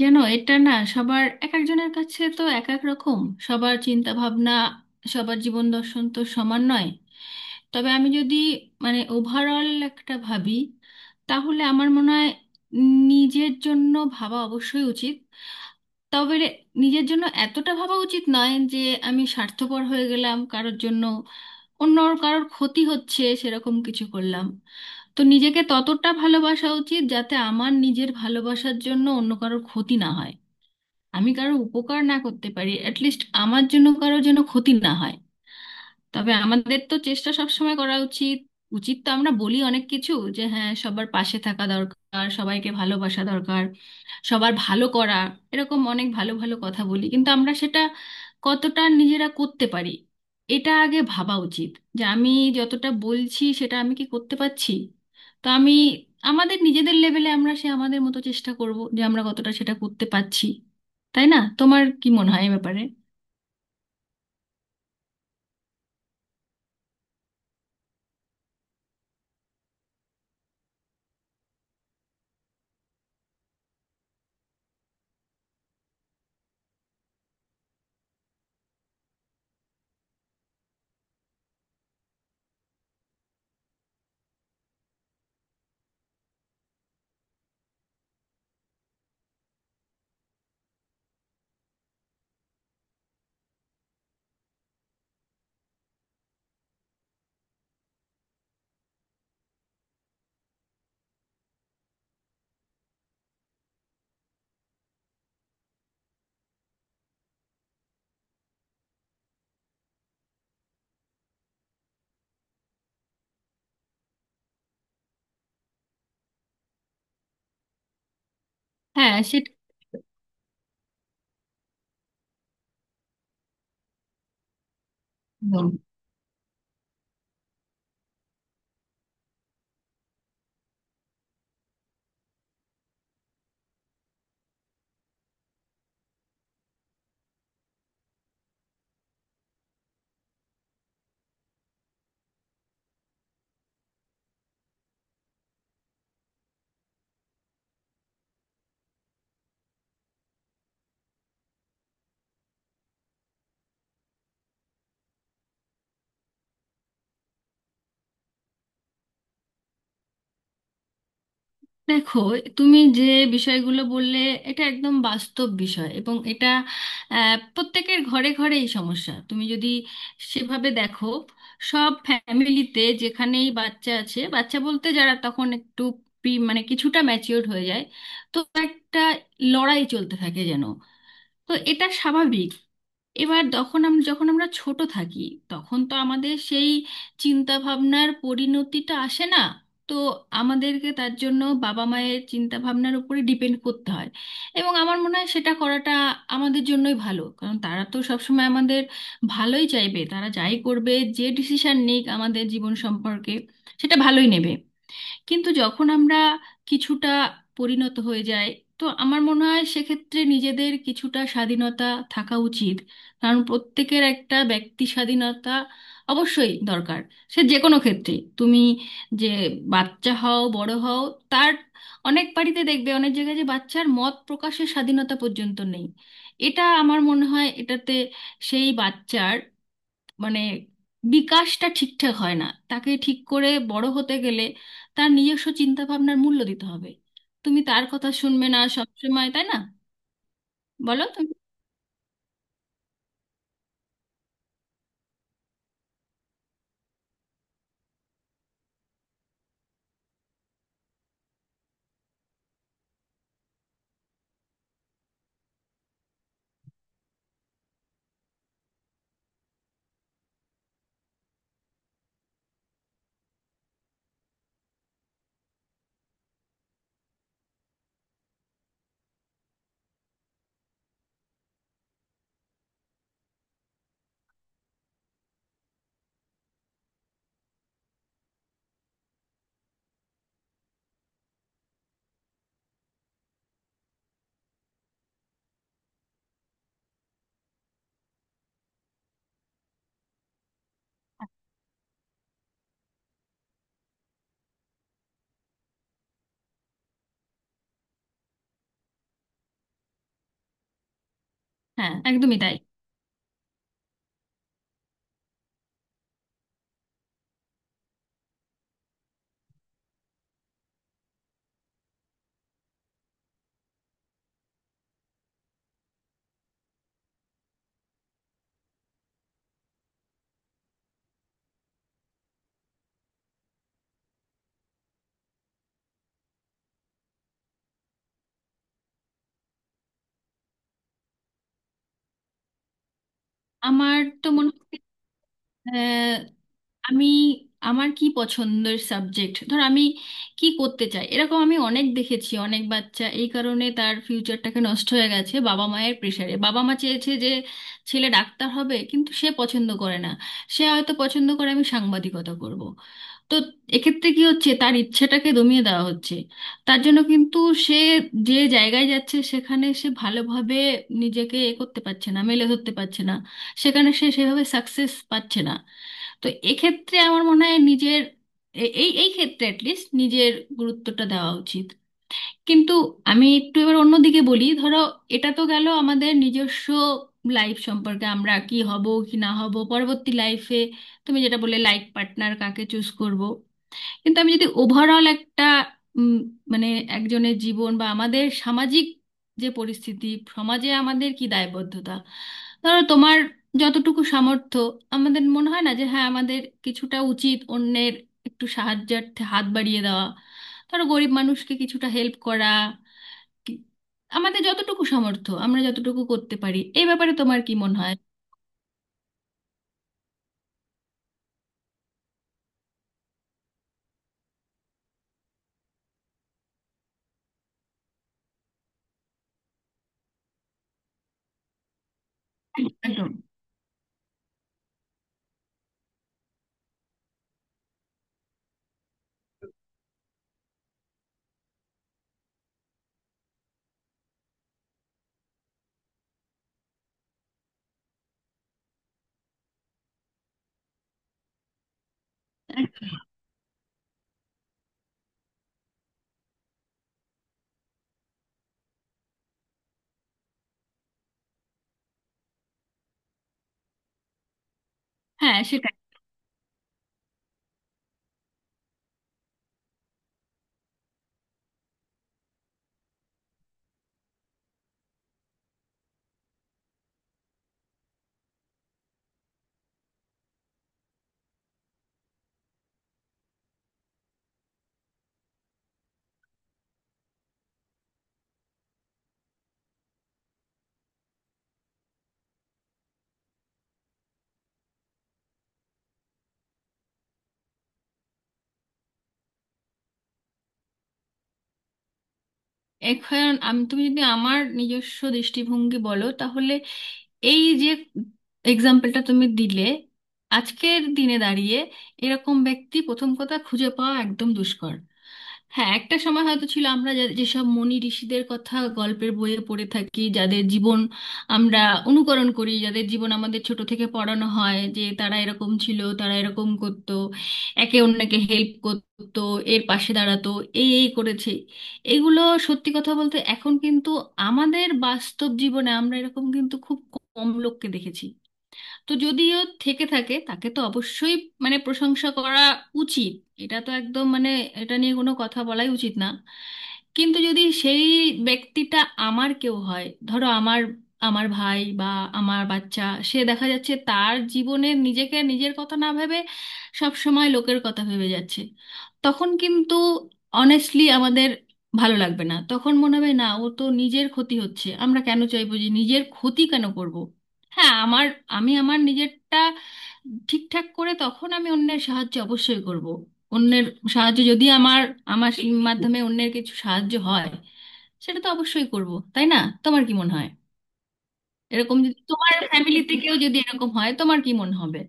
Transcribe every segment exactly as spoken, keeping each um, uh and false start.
জানো, এটা না সবার, এক একজনের কাছে তো এক এক রকম। সবার চিন্তা ভাবনা, সবার জীবন দর্শন তো সমান নয়। তবে আমি যদি মানে ওভারঅল একটা ভাবি, তাহলে আমার মনে হয় নিজের জন্য ভাবা অবশ্যই উচিত। তবে রে- নিজের জন্য এতটা ভাবা উচিত নয় যে আমি স্বার্থপর হয়ে গেলাম, কারোর জন্য অন্য কারোর ক্ষতি হচ্ছে সেরকম কিছু করলাম। তো নিজেকে ততটা ভালোবাসা উচিত যাতে আমার নিজের ভালোবাসার জন্য অন্য কারোর ক্ষতি না হয়। আমি কারো উপকার না করতে পারি, অ্যাটলিস্ট আমার জন্য কারো যেন ক্ষতি না হয়। তবে আমাদের তো চেষ্টা সবসময় করা উচিত। উচিত তো আমরা বলি অনেক কিছু, যে হ্যাঁ, সবার পাশে থাকা দরকার, সবাইকে ভালোবাসা দরকার, সবার ভালো করা, এরকম অনেক ভালো ভালো কথা বলি, কিন্তু আমরা সেটা কতটা নিজেরা করতে পারি এটা আগে ভাবা উচিত। যে আমি যতটা বলছি, সেটা আমি কি করতে পারছি। তো আমি, আমাদের নিজেদের লেভেলে আমরা সে আমাদের মতো চেষ্টা করব যে আমরা কতটা সেটা করতে পারছি। তাই না? তোমার কি মনে হয় এ ব্যাপারে? হ্যাঁ, সেটা একদম। দেখো, তুমি যে বিষয়গুলো বললে এটা একদম বাস্তব বিষয়, এবং এটা আহ, প্রত্যেকের ঘরে ঘরে এই সমস্যা। তুমি যদি সেভাবে দেখো, সব ফ্যামিলিতে যেখানেই বাচ্চা আছে, বাচ্চা বলতে যারা তখন একটু প্রি মানে কিছুটা ম্যাচিওর হয়ে যায়, তো একটা লড়াই চলতে থাকে যেন। তো এটা স্বাভাবিক। এবার তখন আমরা, যখন আমরা ছোট থাকি, তখন তো আমাদের সেই চিন্তা ভাবনার পরিণতিটা আসে না। তো আমাদেরকে তার জন্য বাবা মায়ের চিন্তা ভাবনার উপরে ডিপেন্ড করতে হয়। এবং আমার মনে হয় সেটা করাটা আমাদের জন্যই ভালো, কারণ তারা তো সবসময় আমাদের ভালোই চাইবে। তারা যাই করবে, যে ডিসিশন নিক আমাদের জীবন সম্পর্কে, সেটা ভালোই নেবে। কিন্তু যখন আমরা কিছুটা পরিণত হয়ে যাই, তো আমার মনে হয় সেক্ষেত্রে নিজেদের কিছুটা স্বাধীনতা থাকা উচিত। কারণ প্রত্যেকের একটা ব্যক্তি স্বাধীনতা অবশ্যই দরকার। সে যে কোনো ক্ষেত্রে, তুমি যে বাচ্চা হও বড় হও, তার অনেক বাড়িতে দেখবে, অনেক জায়গায় যে বাচ্চার মত প্রকাশের স্বাধীনতা পর্যন্ত নেই। এটা আমার মনে হয় এটাতে সেই বাচ্চার মানে বিকাশটা ঠিকঠাক হয় না। তাকে ঠিক করে বড় হতে গেলে তার নিজস্ব চিন্তা ভাবনার মূল্য দিতে হবে। তুমি তার কথা শুনবে না সবসময়, তাই না? বলো তুমি। হ্যাঁ, একদমই তাই। আমার তো মনে হয় আমি, আমার কি পছন্দের সাবজেক্ট, ধর আমি কি করতে চাই, এরকম আমি অনেক দেখেছি, অনেক বাচ্চা এই কারণে তার ফিউচারটাকে নষ্ট হয়ে গেছে বাবা মায়ের প্রেশারে। বাবা মা চেয়েছে যে ছেলে ডাক্তার হবে, কিন্তু সে পছন্দ করে না, সে হয়তো পছন্দ করে আমি সাংবাদিকতা করব। তো এক্ষেত্রে কি হচ্ছে, তার ইচ্ছাটাকে দমিয়ে দেওয়া হচ্ছে। তার জন্য কিন্তু সে যে জায়গায় যাচ্ছে, সেখানে সে ভালোভাবে নিজেকে এ করতে পারছে না, মেলে ধরতে পারছে না। সেখানে সে সেভাবে সাকসেস পাচ্ছে না। তো এক্ষেত্রে আমার মনে হয় নিজের এ- এই এই ক্ষেত্রে অ্যাটলিস্ট নিজের গুরুত্বটা দেওয়া উচিত। কিন্তু আমি একটু এবার অন্যদিকে বলি, ধরো এটা তো গেল আমাদের নিজস্ব লাইফ সম্পর্কে, আমরা কি হব কি না হব পরবর্তী লাইফে, তুমি যেটা বললে লাইফ পার্টনার কাকে চুজ করব। কিন্তু আমি যদি ওভারঅল একটা উম, মানে একজনের জীবন বা আমাদের সামাজিক যে পরিস্থিতি, সমাজে আমাদের কি দায়বদ্ধতা, ধরো তোমার যতটুকু সামর্থ্য, আমাদের মনে হয় না যে হ্যাঁ, আমাদের কিছুটা উচিত অন্যের একটু সাহায্যার্থে হাত বাড়িয়ে দেওয়া? ধরো গরিব মানুষকে কিছুটা হেল্প করা, কি- আমাদের যতটুকু সামর্থ্য আমরা যতটুকু করতে পারি। এই ব্যাপারে তোমার কি মনে হয়? একদম। একদম। হ্যাঁ, সেটাই। এখন আমি, তুমি যদি আমার নিজস্ব দৃষ্টিভঙ্গি বলো, তাহলে এই যে এক্সাম্পলটা তুমি দিলে, আজকের দিনে দাঁড়িয়ে এরকম ব্যক্তি প্রথম কথা খুঁজে পাওয়া একদম দুষ্কর। হ্যাঁ, একটা সময় হয়তো ছিল, আমরা যা- যেসব মুনি ঋষিদের কথা গল্পের বইয়ে পড়ে থাকি, যাদের জীবন আমরা অনুকরণ করি, যাদের জীবন আমাদের ছোট থেকে পড়ানো হয়, যে তারা এরকম ছিল, তারা এরকম করতো, একে অন্যকে হেল্প করতো, এর পাশে দাঁড়াতো, এই এই করেছে, এগুলো। সত্যি কথা বলতে এখন কিন্তু আমাদের বাস্তব জীবনে আমরা এরকম কিন্তু খুব কম লোককে দেখেছি। তো যদিও থেকে থাকে, তাকে তো অবশ্যই মানে প্রশংসা করা উচিত। এটা তো একদম, মানে এটা নিয়ে কোনো কথা বলাই উচিত না। কিন্তু যদি সেই ব্যক্তিটা আমার কেউ হয়, ধরো আমার, আমার ভাই বা আমার বাচ্চা, সে দেখা যাচ্ছে তার জীবনে নিজেকে, নিজের কথা না ভেবে সব সময় লোকের কথা ভেবে যাচ্ছে, তখন কিন্তু অনেস্টলি আমাদের ভালো লাগবে না। তখন মনে হবে না, ও তো নিজের ক্ষতি হচ্ছে, আমরা কেন চাইবো যে নিজের ক্ষতি কেন করব। হ্যাঁ, আমার, আমি আমার নিজেরটা ঠিকঠাক করে তখন আমি অন্যের সাহায্য অবশ্যই করব। অন্যের সাহায্য যদি আমার, আমার মাধ্যমে অন্যের কিছু সাহায্য হয়, সেটা তো অবশ্যই করব, তাই না? তোমার কি মনে হয়? এরকম যদি তোমার ফ্যামিলিতে কেউ যদি এরকম হয়, তোমার কি মনে হবে?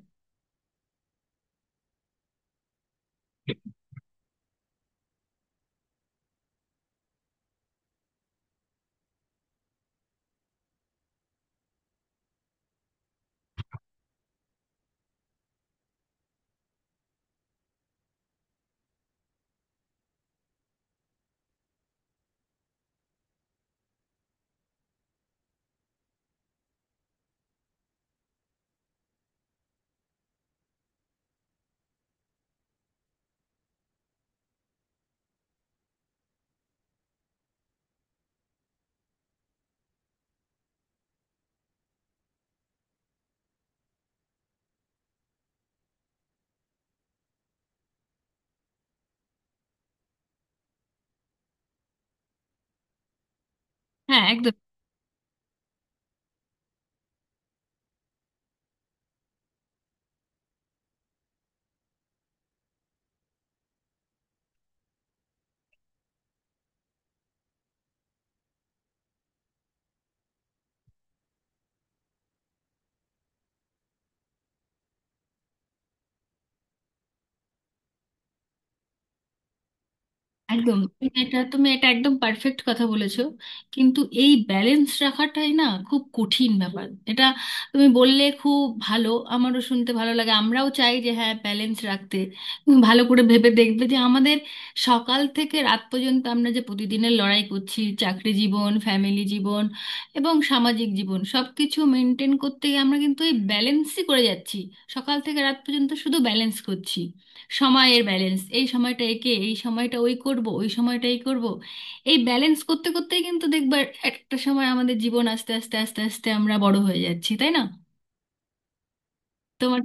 হ্যাঁ, একদম। একদম তুমি এটা, তুমি এটা একদম পারফেক্ট কথা বলেছো। কিন্তু এই ব্যালেন্স রাখাটাই না খুব কঠিন ব্যাপার এটা। তুমি বললে খুব ভালো, আমারও শুনতে ভালো লাগে, আমরাও চাই যে হ্যাঁ, ব্যালেন্স রাখতে। তুমি ভালো করে ভেবে দেখবে যে আমাদের সকাল থেকে রাত পর্যন্ত আমরা যে প্রতিদিনের লড়াই করছি, চাকরি জীবন, ফ্যামিলি জীবন এবং সামাজিক জীবন সব কিছু মেনটেন করতে গিয়ে আমরা কিন্তু এই ব্যালেন্সই করে যাচ্ছি। সকাল থেকে রাত পর্যন্ত শুধু ব্যালেন্স করছি। সময়ের ব্যালেন্স, এই সময়টা একে, এই সময়টা ওই করব, ওই সময়টা এই করব। এই ব্যালেন্স করতে করতেই কিন্তু দেখবার একটা সময় আমাদের জীবন, আস্তে আস্তে আস্তে আস্তে আমরা বড় হয়ে যাচ্ছি, তাই না? তোমার